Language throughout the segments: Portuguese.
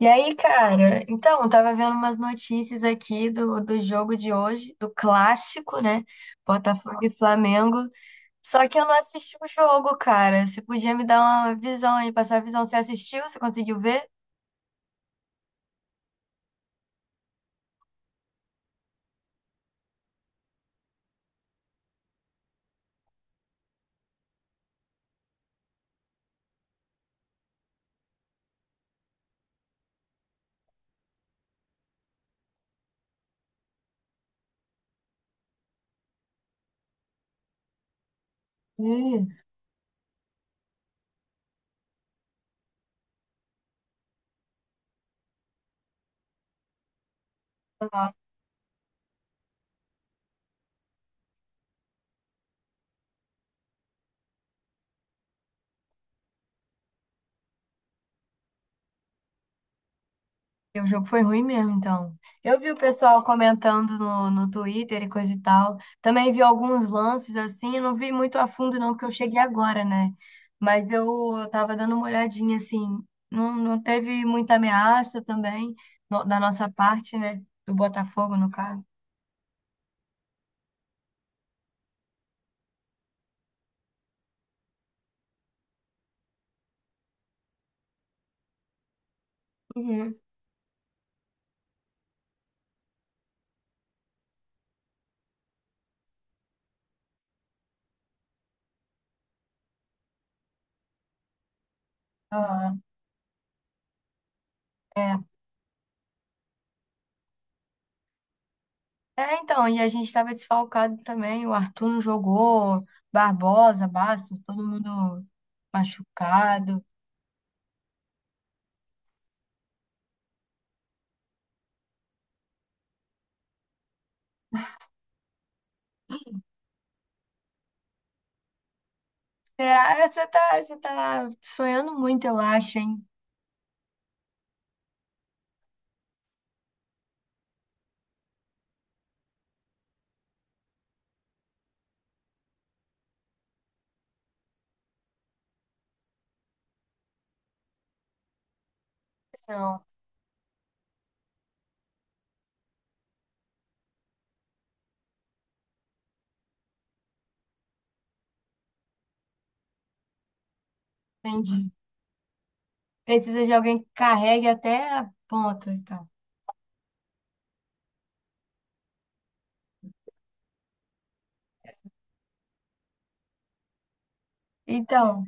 E aí, cara? Eu tava vendo umas notícias aqui do jogo de hoje, do clássico, né? Botafogo e Flamengo. Só que eu não assisti o jogo, cara. Você podia me dar uma visão aí, passar a visão. Você assistiu? Você conseguiu ver? Ih. E o jogo foi ruim mesmo, então. Eu vi o pessoal comentando no Twitter e coisa e tal. Também vi alguns lances assim, eu não vi muito a fundo não, porque eu cheguei agora, né? Mas eu, eu tava dando uma olhadinha assim. Não teve muita ameaça também da nossa parte, né? Do Botafogo, no caso. Uhum. Aham, é. É, então, e a gente estava desfalcado também. O Arthur não jogou, Barbosa, Bastos, todo mundo machucado. Será? Você tá sonhando muito, eu acho, hein? Não, entendi. Precisa de alguém que carregue até a ponta, então. Então.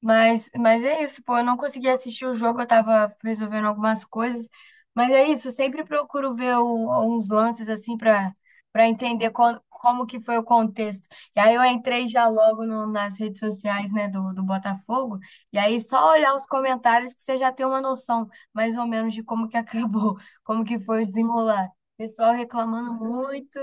Mas é isso, pô. Eu não consegui assistir o jogo, eu tava resolvendo algumas coisas. Mas é isso, eu sempre procuro ver uns lances assim pra para entender como que foi o contexto. E aí eu entrei já logo nas redes sociais, né, do Botafogo. E aí só olhar os comentários que você já tem uma noção, mais ou menos, de como que acabou, como que foi o desenrolar. Pessoal reclamando muito.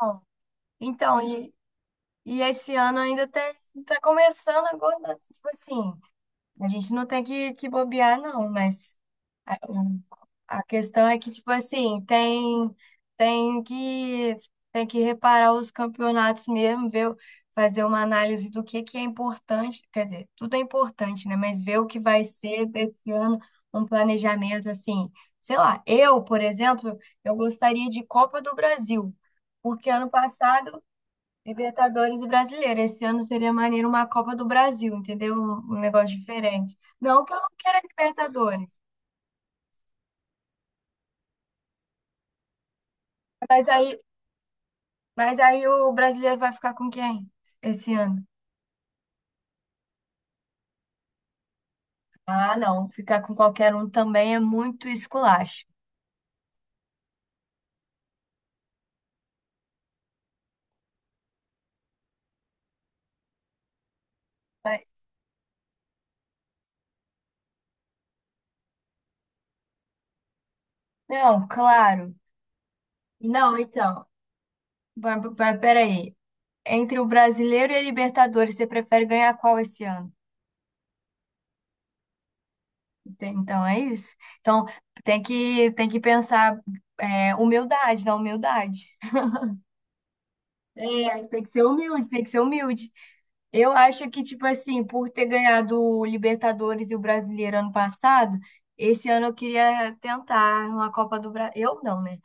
Bom, então, e esse ano ainda tá, tá começando agora, né, tipo assim. A gente não tem que bobear, não, mas a, o- a questão é que, tipo assim, tem, tem que, tem que reparar os campeonatos mesmo, ver, fazer uma análise do que é importante, quer dizer, tudo é importante, né? Mas ver o que vai ser desse ano, um planejamento assim. Sei lá, eu, por exemplo, eu gostaria de Copa do Brasil, porque ano passado Libertadores e Brasileiro. Esse ano seria maneiro uma Copa do Brasil, entendeu? Um negócio diferente. Não que eu não queira Libertadores, mas aí, mas aí o brasileiro vai ficar com quem esse ano? Ah, não, ficar com qualquer um também é muito esculacho. Vai- Não, claro. Não, então, vai- vai- peraí. Entre o brasileiro e a Libertadores, você prefere ganhar qual esse ano? Ente- Então é isso? Então tem que pensar é, humildade, na humildade. É, tem que ser humilde, tem que ser humilde. Eu acho que, tipo assim, por ter ganhado o Libertadores e o Brasileiro ano passado, esse ano eu queria tentar uma Copa do Brasil. Eu não, né?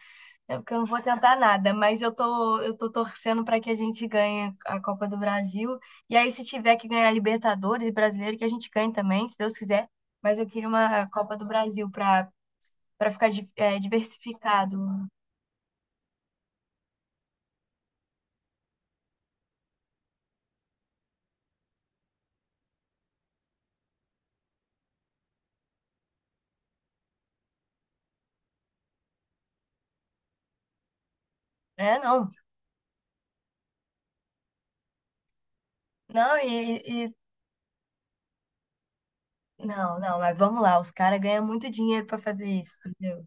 É porque eu não vou tentar nada, mas eu tô torcendo para que a gente ganhe a Copa do Brasil. E aí, se tiver que ganhar Libertadores e Brasileiro, que a gente ganhe também, se Deus quiser. Mas eu queria uma Copa do Brasil para para ficar é, diversificado. É, não. Não, e, não, não, mas vamos lá, os caras ganham muito dinheiro pra fazer isso, entendeu?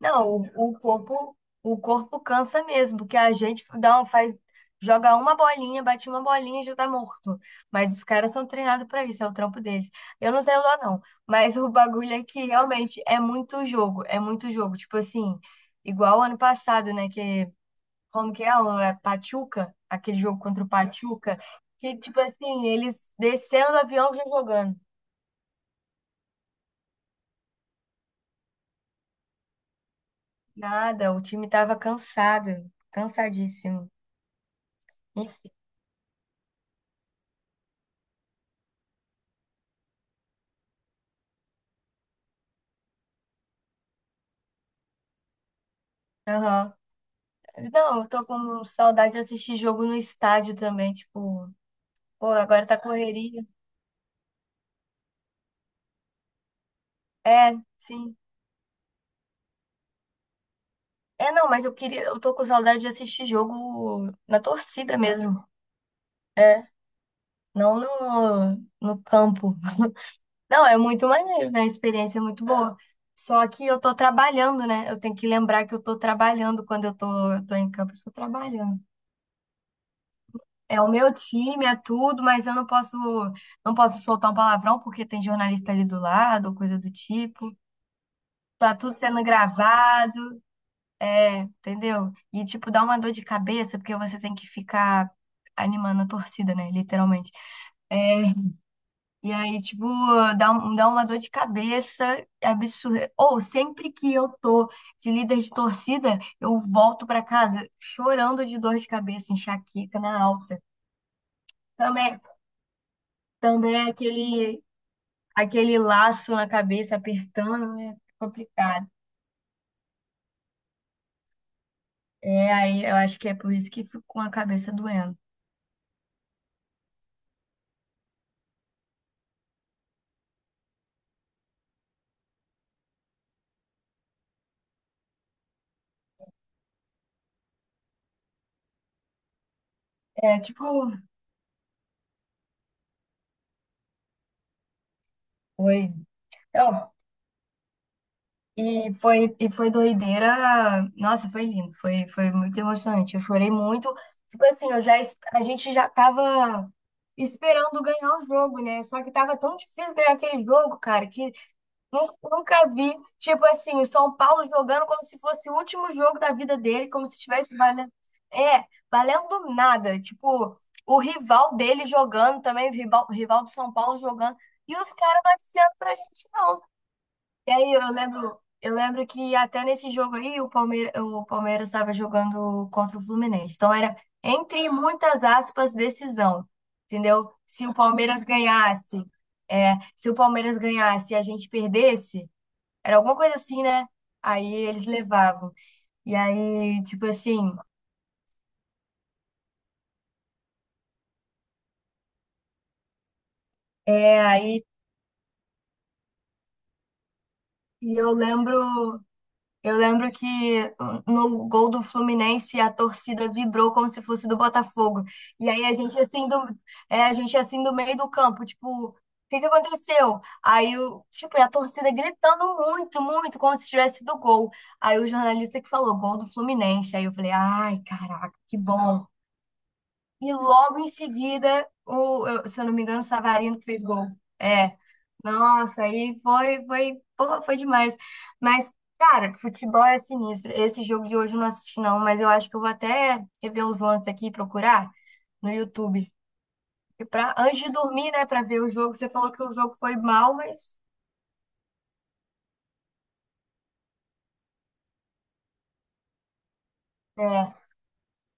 Não, o, o corpo, o corpo cansa mesmo, porque a gente dá um, faz, joga uma bolinha, bate uma bolinha e já tá morto. Mas os caras são treinados pra isso, é o trampo deles. Eu não tenho dó, não, mas o bagulho é que realmente é muito jogo, é muito jogo. Tipo assim, igual ano passado, né, que como que é, é Pachuca, aquele jogo contra o Pachuca, que tipo assim, eles desceram do avião já jogando. Nada, o time tava cansado, cansadíssimo. Enfim. Aham. Não, eu tô com saudade de assistir jogo no estádio também, tipo, pô, agora tá correria. É, sim. É, não, mas eu queria, eu tô com saudade de assistir jogo na torcida mesmo. É, não no campo. Não, é muito maneiro, né? A experiência é muito boa. Só que eu tô trabalhando, né? Eu tenho que lembrar que eu tô trabalhando quando eu tô em campo, eu tô trabalhando. É o meu time, é tudo, mas eu não posso, não posso soltar um palavrão porque tem jornalista ali do lado, ou coisa do tipo. Tá tudo sendo gravado, é, entendeu? E tipo, dá uma dor de cabeça porque você tem que ficar animando a torcida, né? Literalmente. É, e aí, tipo, dá, dá uma dor de cabeça absurda. Ou sempre que eu tô de líder de torcida, eu volto pra casa chorando de dor de cabeça, enxaqueca na alta. Também, também é aquele aquele laço na cabeça apertando, né? Complicado. É, aí eu acho que é por isso que fico com a cabeça doendo. É, tipo, foi. Não, e foi doideira. Nossa, foi lindo, foi, foi muito emocionante. Eu chorei muito. Tipo assim, a gente já tava esperando ganhar o jogo, né? Só que tava tão difícil ganhar aquele jogo, cara, que nunca vi, tipo assim, o São Paulo jogando como se fosse o último jogo da vida dele, como se estivesse valendo, é, valendo nada. Tipo, o rival dele jogando também, o rival do São Paulo jogando, e os caras não avisando pra gente, não. E aí eu lembro que até nesse jogo aí o Palmeiras estava jogando contra o Fluminense. Então era, entre muitas aspas, decisão. Entendeu? Se o Palmeiras ganhasse, é, se o Palmeiras ganhasse e a gente perdesse. Era alguma coisa assim, né? Aí eles levavam. E aí, tipo assim, é, aí e eu lembro que no gol do Fluminense a torcida vibrou como se fosse do Botafogo. E aí a gente assim do, é, a gente assim do meio do campo, tipo, o que que aconteceu? Aí o, tipo, e a torcida gritando muito, muito, como se tivesse do gol. Aí o jornalista que falou, gol do Fluminense. Aí eu falei, ai, caraca, que bom. E logo em seguida, se eu não me engano, o Savarino que fez gol. É. Nossa, aí foi, foi, pô, foi demais. Mas, cara, futebol é sinistro. Esse jogo de hoje eu não assisti, não, mas eu acho que eu vou até rever os lances aqui e procurar no YouTube. E pra, antes de dormir, né, pra ver o jogo, você falou que o jogo foi mal, mas. É.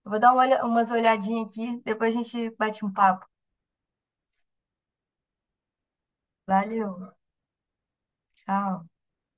Eu vou dar uma umas olhadinhas aqui, depois a gente bate um papo. Valeu, tchau.